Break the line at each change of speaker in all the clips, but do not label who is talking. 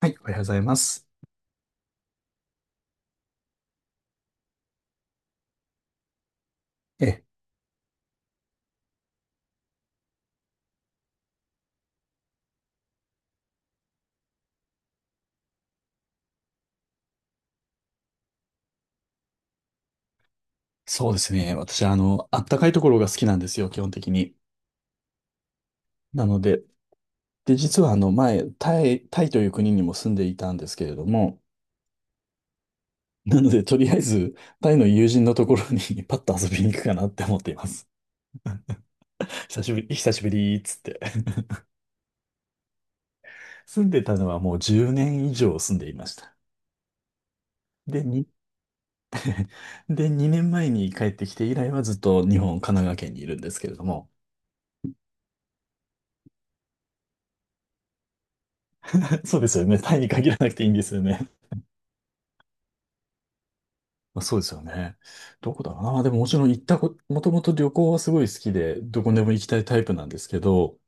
はい、おはようございます。え、そうですね。私、あったかいところが好きなんですよ、基本的に。なので、で、実は、前、タイという国にも住んでいたんですけれども、なので、とりあえず、タイの友人のところに パッと遊びに行くかなって思っています。久しぶりーっつって。住んでたのはもう10年以上住んでいました。で、に、で、2年前に帰ってきて以来はずっと日本、神奈川県にいるんですけれども。そうですよね。タイに限らなくていいんですよね。まあ、そうですよね。どこだろうな。でももちろん行ったこ、もともと旅行はすごい好きで、どこでも行きたいタイプなんですけど、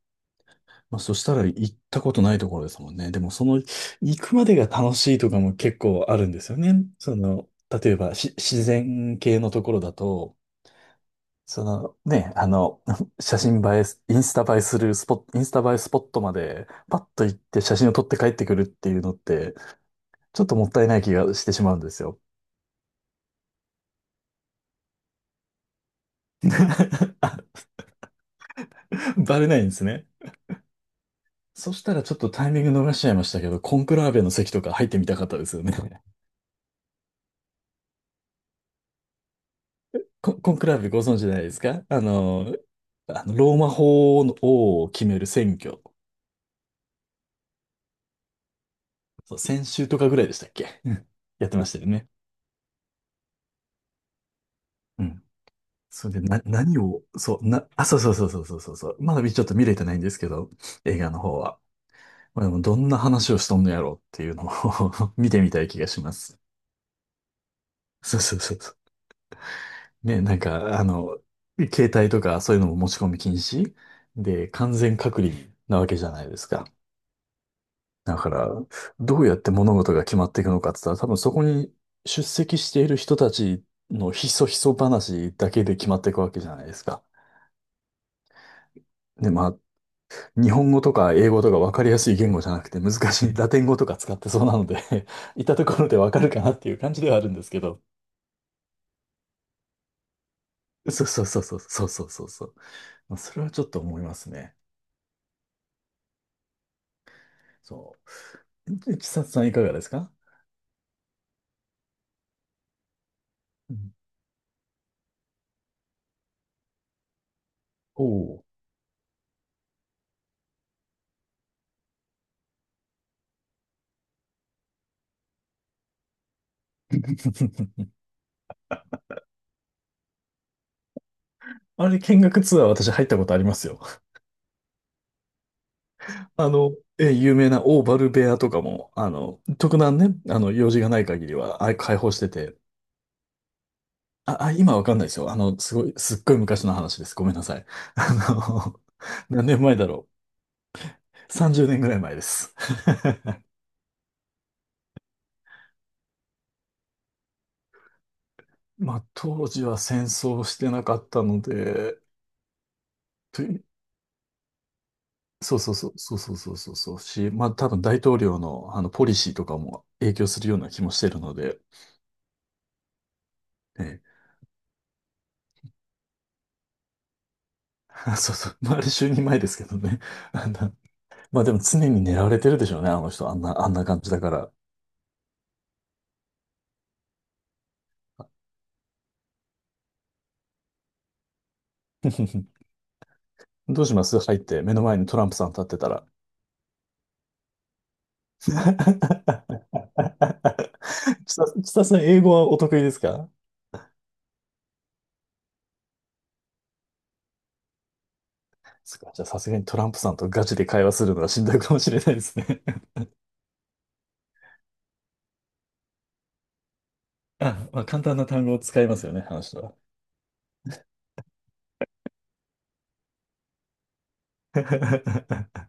まあ、そしたら行ったことないところですもんね。でもその行くまでが楽しいとかも結構あるんですよね。その、例えばし自然系のところだと、そのね、写真映えす、インスタ映えスポットまでパッと行って写真を撮って帰ってくるっていうのって、ちょっともったいない気がしてしまうんですよ。バレないんですね。そしたらちょっとタイミング逃しちゃいましたけど、コンクラーベの席とか入ってみたかったですよね。コンクラーベご存知ないですかローマ法王を決める選挙。そう、先週とかぐらいでしたっけ？うん。 やってましたよね。うん。それで、まだちょっと見れてないんですけど、映画の方は。まあ、でも、どんな話をしとんのやろうっていうのを 見てみたい気がします。そうそうそうそう。ね、なんか、携帯とかそういうのも持ち込み禁止で、完全隔離なわけじゃないですか。だから、どうやって物事が決まっていくのかって言ったら、多分そこに出席している人たちのひそひそ話だけで決まっていくわけじゃないですか。で、まあ、日本語とか英語とか分かりやすい言語じゃなくて難しいラテン語とか使ってそうなので いたところで分かるかなっていう感じではあるんですけど。そうそうそうそうそうそうそうそう。まあそれはちょっと思いますね。そう。で千さんいかがですか？うん。おおー。あれ、見学ツアー私入ったことありますよ。有名なオーバルベアとかも、特段ね、用事がない限りは、開放してて、今わかんないですよ。あの、すっごい昔の話です。ごめんなさい。あの、何年前だろう。30年ぐらい前です。まあ、当時は戦争してなかったので、とそうそうそうそうそうし、まあ多分大統領のあのポリシーとかも影響するような気もしてるので、ええ、そう、まああれ就任前ですけどね。あんな、まあでも常に狙われてるでしょうね、あの人、あんな感じだから。どうします入って目の前にトランプさん立ってたら。ちささん英語はお得意ですか？そっか、じゃあさすがにトランプさんとガチで会話するのはしんどいかもしれないですね。あ、まあ簡単な単語を使いますよね、あの人は。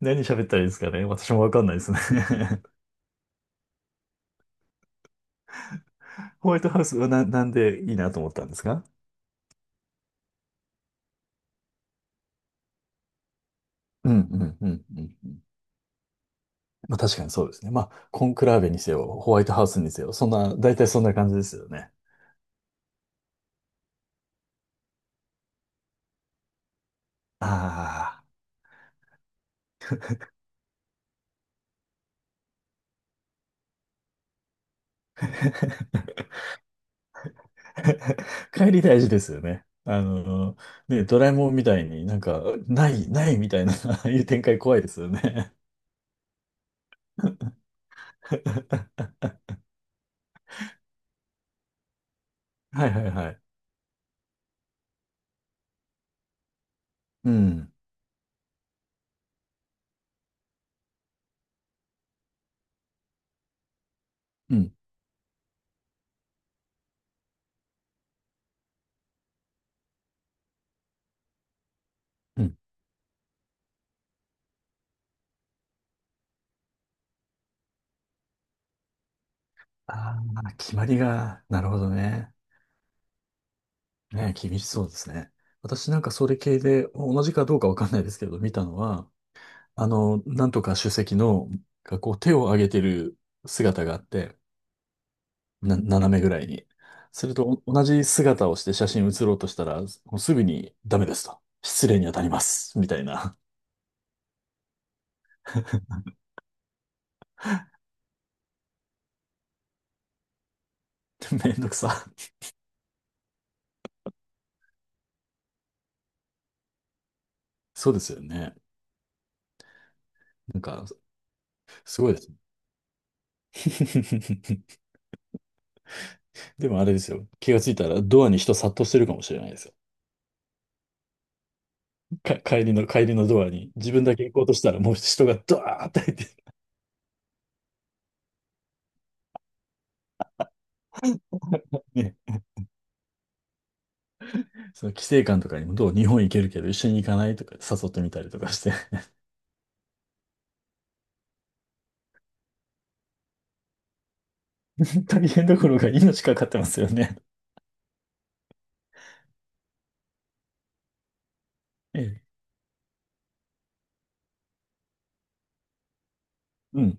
何喋ったらいいですかね。私もわかんないですね。ホワイトハウスはなんでいいなと思ったんですか？うんうんうんうんうん。まあ確かにそうですね。まあ、コンクラーベにせよ、ホワイトハウスにせよ、そんな、大体そんな感じですよね。ああ。帰り大事ですよね。あの、ね、ドラえもんみたいになんか、ないみたいな、ああいう展開怖いですよね。はいはいはい。うん。うん。うん。ああ、決まりが、なるほどね。ね、厳しそうですね。私なんかそれ系で、同じかどうかわかんないですけど、見たのは、あの、なんとか主席の、がこう手を上げてる姿があって、な、斜めぐらいに。すると、お同じ姿をして写真写ろうとしたら、もうすぐにダメですと。失礼に当たります。みたいな。めんどくさ。そうですよね。なんか、すごいですね。でもあれですよ。気がついたらドアに人殺到してるかもしれないですよ。帰りのドアに自分だけ行こうとしたらもう人がドワーって入って、ね、その規制官とかにもどう日本行けるけど一緒に行かないとか誘ってみたりとかして 大変どころが命かかってますよね。ええうん。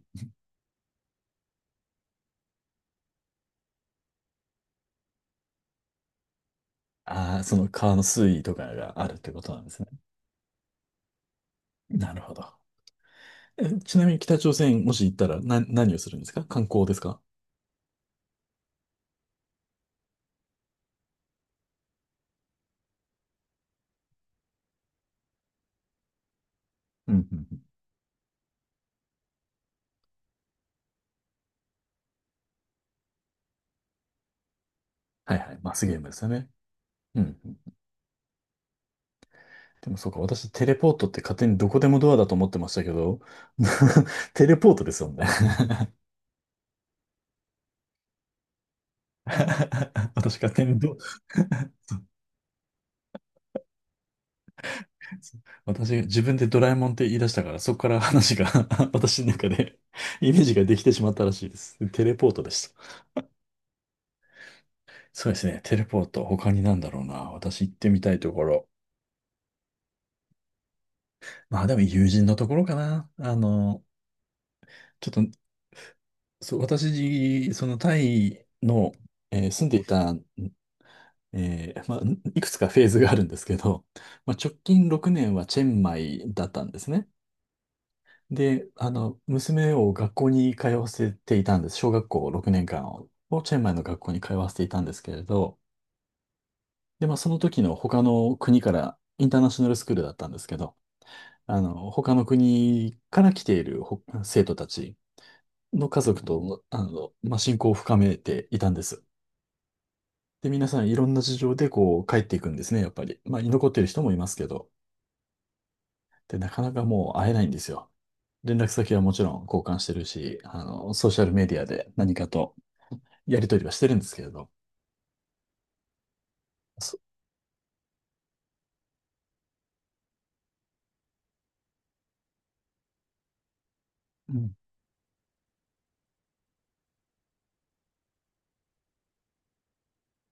ああ、その川の水位とかがあるってことなんですね。なるほど。えちなみに北朝鮮もし行ったらな、何をするんですか観光ですか？うんうんうん。はいはい。マスゲームですよね。うんうん。でもそうか、私テレポートって勝手にどこでもドアだと思ってましたけど、テレポートですよね。私が天ど、私が自分でドラえもんって言い出したから、そこから話が 私の中で イメージができてしまったらしいです。テレポートでした。そうですね、テレポート。他になんだろうな。私行ってみたいところ。まあでも友人のところかな。あの、ちょっと、そう、私、そのタイの、えー住んでいた、えーまあ、いくつかフェーズがあるんですけど、まあ、直近6年はチェンマイだったんですね。で、娘を学校に通わせていたんです。小学校6年間を、チェンマイの学校に通わせていたんですけれど、で、まあ、その時の他の国から、インターナショナルスクールだったんですけど、他の国から来ている生徒たちの家族と、まあ、親交を深めていたんです。で、皆さんいろんな事情でこう帰っていくんですね、やっぱり。まあ、居残ってる人もいますけど、で、なかなかもう会えないんですよ。連絡先はもちろん交換してるし、ソーシャルメディアで何かとやりとりはしてるんですけれど。そうん、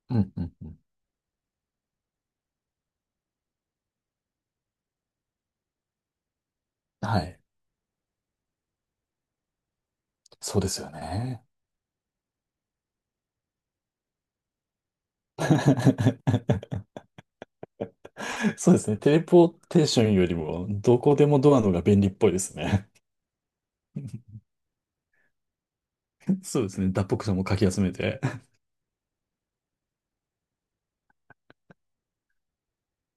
うん。はい。そうですよね。そうですね。テレポーテーションよりも、どこでもドアのが便利っぽいですね。そうですね。脱北者もかき集めて。